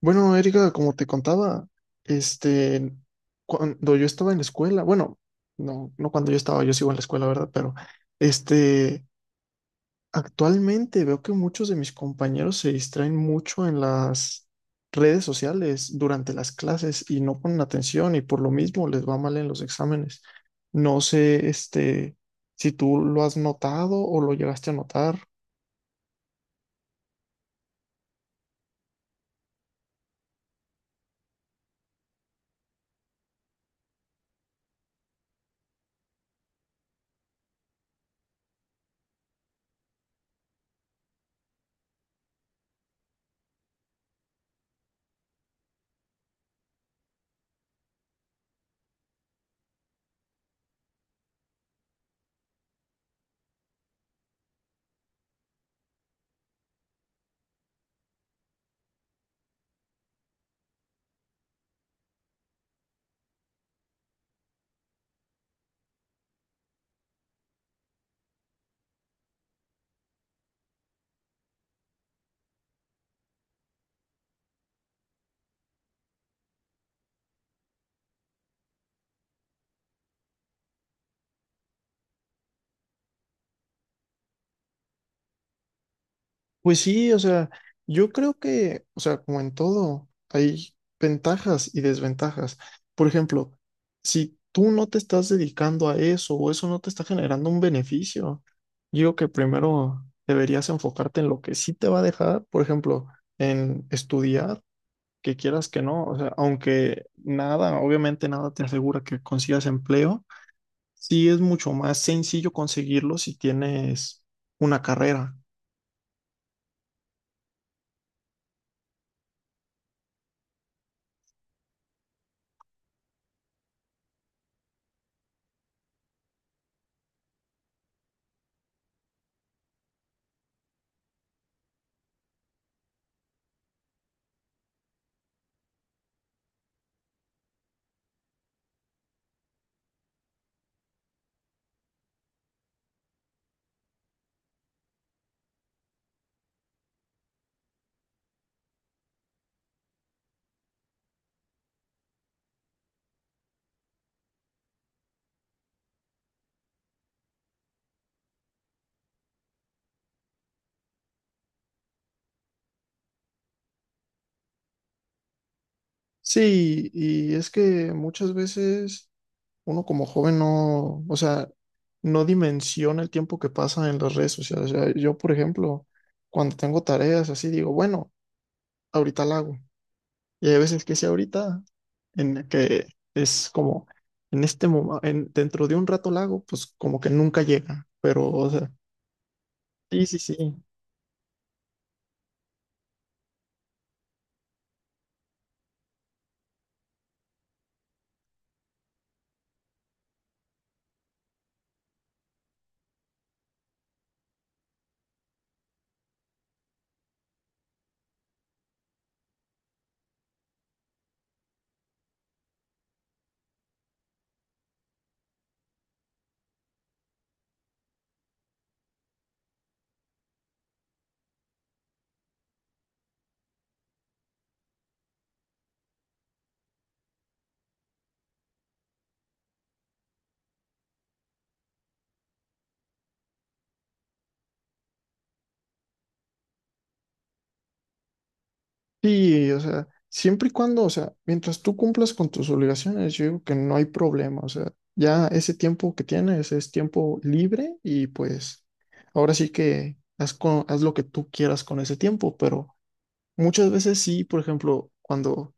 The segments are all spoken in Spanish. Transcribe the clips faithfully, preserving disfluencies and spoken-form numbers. Bueno, Erika, como te contaba, este, cuando yo estaba en la escuela, bueno, no, no cuando yo estaba, yo sigo en la escuela, ¿verdad? Pero, este, actualmente veo que muchos de mis compañeros se distraen mucho en las redes sociales durante las clases y no ponen atención y por lo mismo les va mal en los exámenes. No sé, este, si tú lo has notado o lo llegaste a notar. Pues sí, o sea, yo creo que, o sea, como en todo, hay ventajas y desventajas. Por ejemplo, si tú no te estás dedicando a eso o eso no te está generando un beneficio, yo digo que primero deberías enfocarte en lo que sí te va a dejar, por ejemplo, en estudiar, que quieras que no, o sea, aunque nada, obviamente nada te asegura que consigas empleo, sí es mucho más sencillo conseguirlo si tienes una carrera. Sí, y es que muchas veces uno como joven no, o sea, no dimensiona el tiempo que pasa en las redes sociales. O sea, yo, por ejemplo, cuando tengo tareas así, digo, bueno, ahorita la hago. Y hay veces que sí, ahorita, en la que es como, en este momento, dentro de un rato la hago, pues como que nunca llega. Pero, o sea, sí, sí, sí. Sí, o sea, siempre y cuando, o sea, mientras tú cumplas con tus obligaciones, yo digo que no hay problema, o sea, ya ese tiempo que tienes es tiempo libre y pues ahora sí que haz, co- haz lo que tú quieras con ese tiempo, pero muchas veces sí, por ejemplo, cuando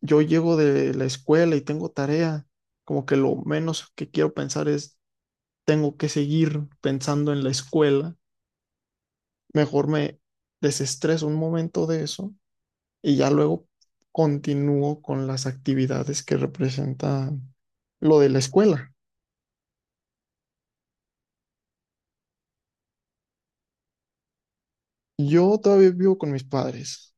yo llego de la escuela y tengo tarea, como que lo menos que quiero pensar es, tengo que seguir pensando en la escuela, mejor me desestreso un momento de eso y ya luego continúo con las actividades que representan lo de la escuela. Yo todavía vivo con mis padres.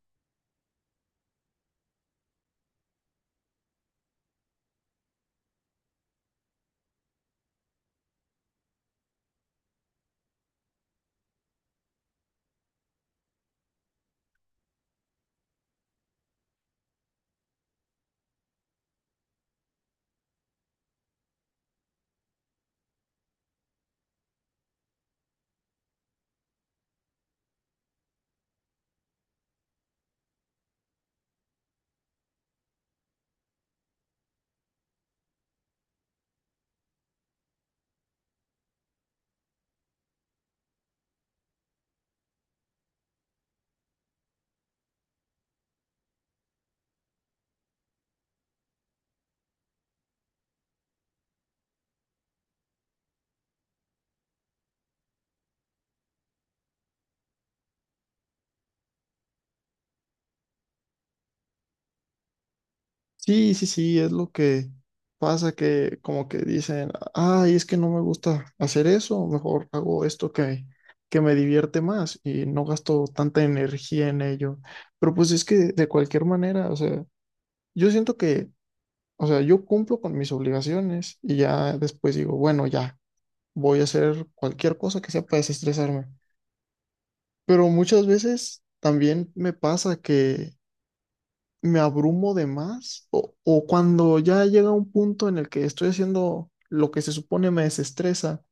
Sí, sí, sí, es lo que pasa que como que dicen, ay, es que no me gusta hacer eso, mejor hago esto que, que me divierte más y no gasto tanta energía en ello. Pero pues es que de cualquier manera, o sea, yo siento que, o sea, yo cumplo con mis obligaciones y ya después digo, bueno, ya. Voy a hacer cualquier cosa que sea para desestresarme. Pero muchas veces también me pasa que me abrumo de más o, o cuando ya llega un punto en el que estoy haciendo lo que se supone me desestresa,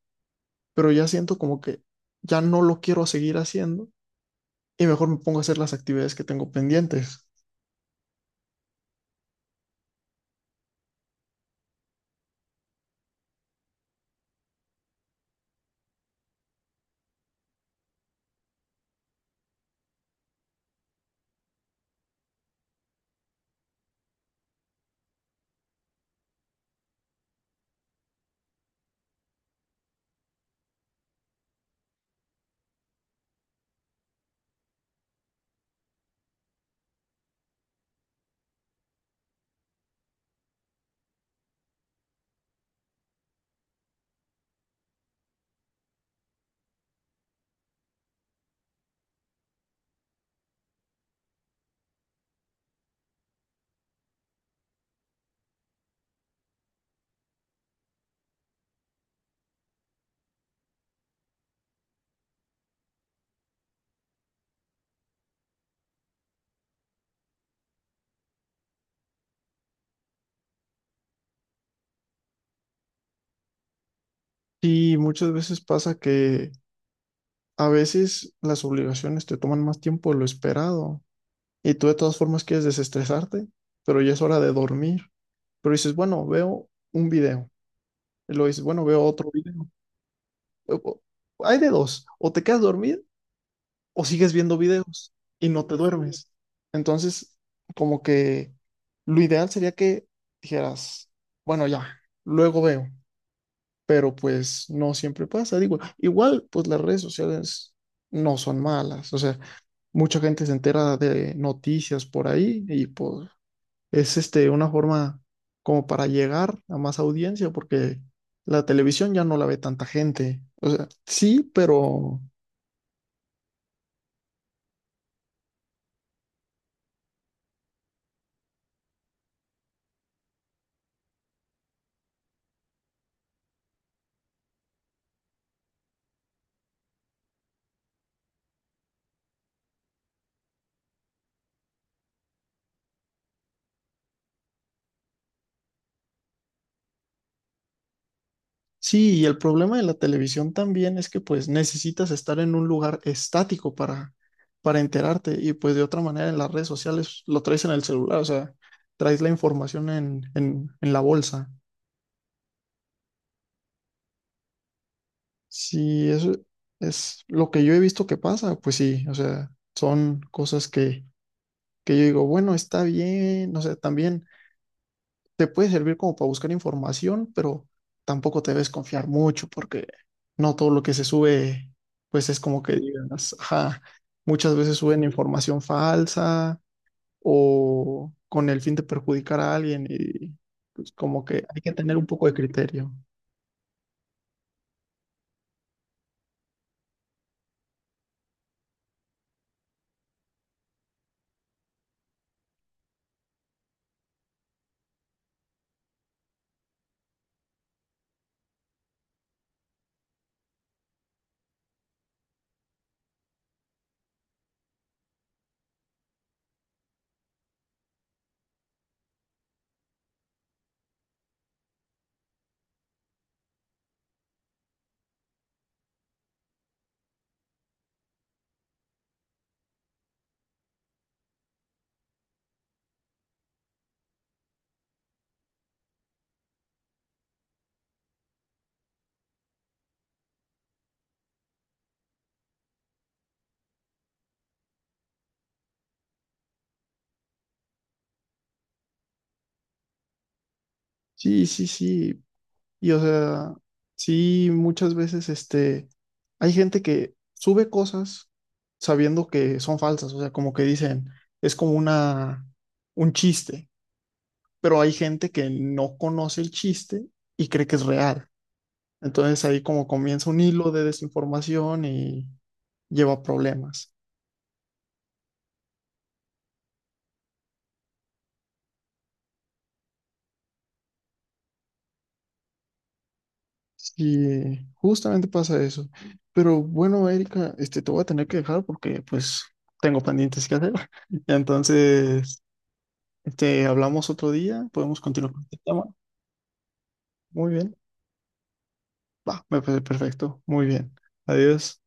pero ya siento como que ya no lo quiero seguir haciendo y mejor me pongo a hacer las actividades que tengo pendientes. Y muchas veces pasa que a veces las obligaciones te toman más tiempo de lo esperado. Y tú de todas formas quieres desestresarte, pero ya es hora de dormir. Pero dices, bueno, veo un video. Y luego dices, bueno, veo otro video. O- o- Hay de dos, o te quedas dormido o sigues viendo videos y no te duermes. Entonces, como que lo ideal sería que dijeras, bueno, ya, luego veo, pero pues no siempre pasa. Digo, igual, pues las redes sociales no son malas, o sea, mucha gente se entera de noticias por ahí y pues es este, una forma como para llegar a más audiencia, porque la televisión ya no la ve tanta gente. O sea, sí, pero sí, y el problema de la televisión también es que pues necesitas estar en un lugar estático para, para enterarte y pues de otra manera en las redes sociales lo traes en el celular, o sea, traes la información en, en, en la bolsa. Sí, eso es lo que yo he visto que pasa, pues sí, o sea, son cosas que que yo digo, bueno, está bien, no sé, también te puede servir como para buscar información, pero tampoco te debes confiar mucho porque no todo lo que se sube, pues es como que digas, ajá, muchas veces suben información falsa o con el fin de perjudicar a alguien y pues como que hay que tener un poco de criterio. Sí, sí, sí. Y o sea, sí, muchas veces este, hay gente que sube cosas sabiendo que son falsas, o sea, como que dicen, es como una, un chiste pero hay gente que no conoce el chiste y cree que es real. Entonces ahí como comienza un hilo de desinformación y lleva a problemas. Y justamente pasa eso. Pero bueno, Erika, este, te voy a tener que dejar porque pues tengo pendientes que hacer. Entonces, este, hablamos otro día, podemos continuar con este tema. Muy bien, va, me parece perfecto. Muy bien. Adiós.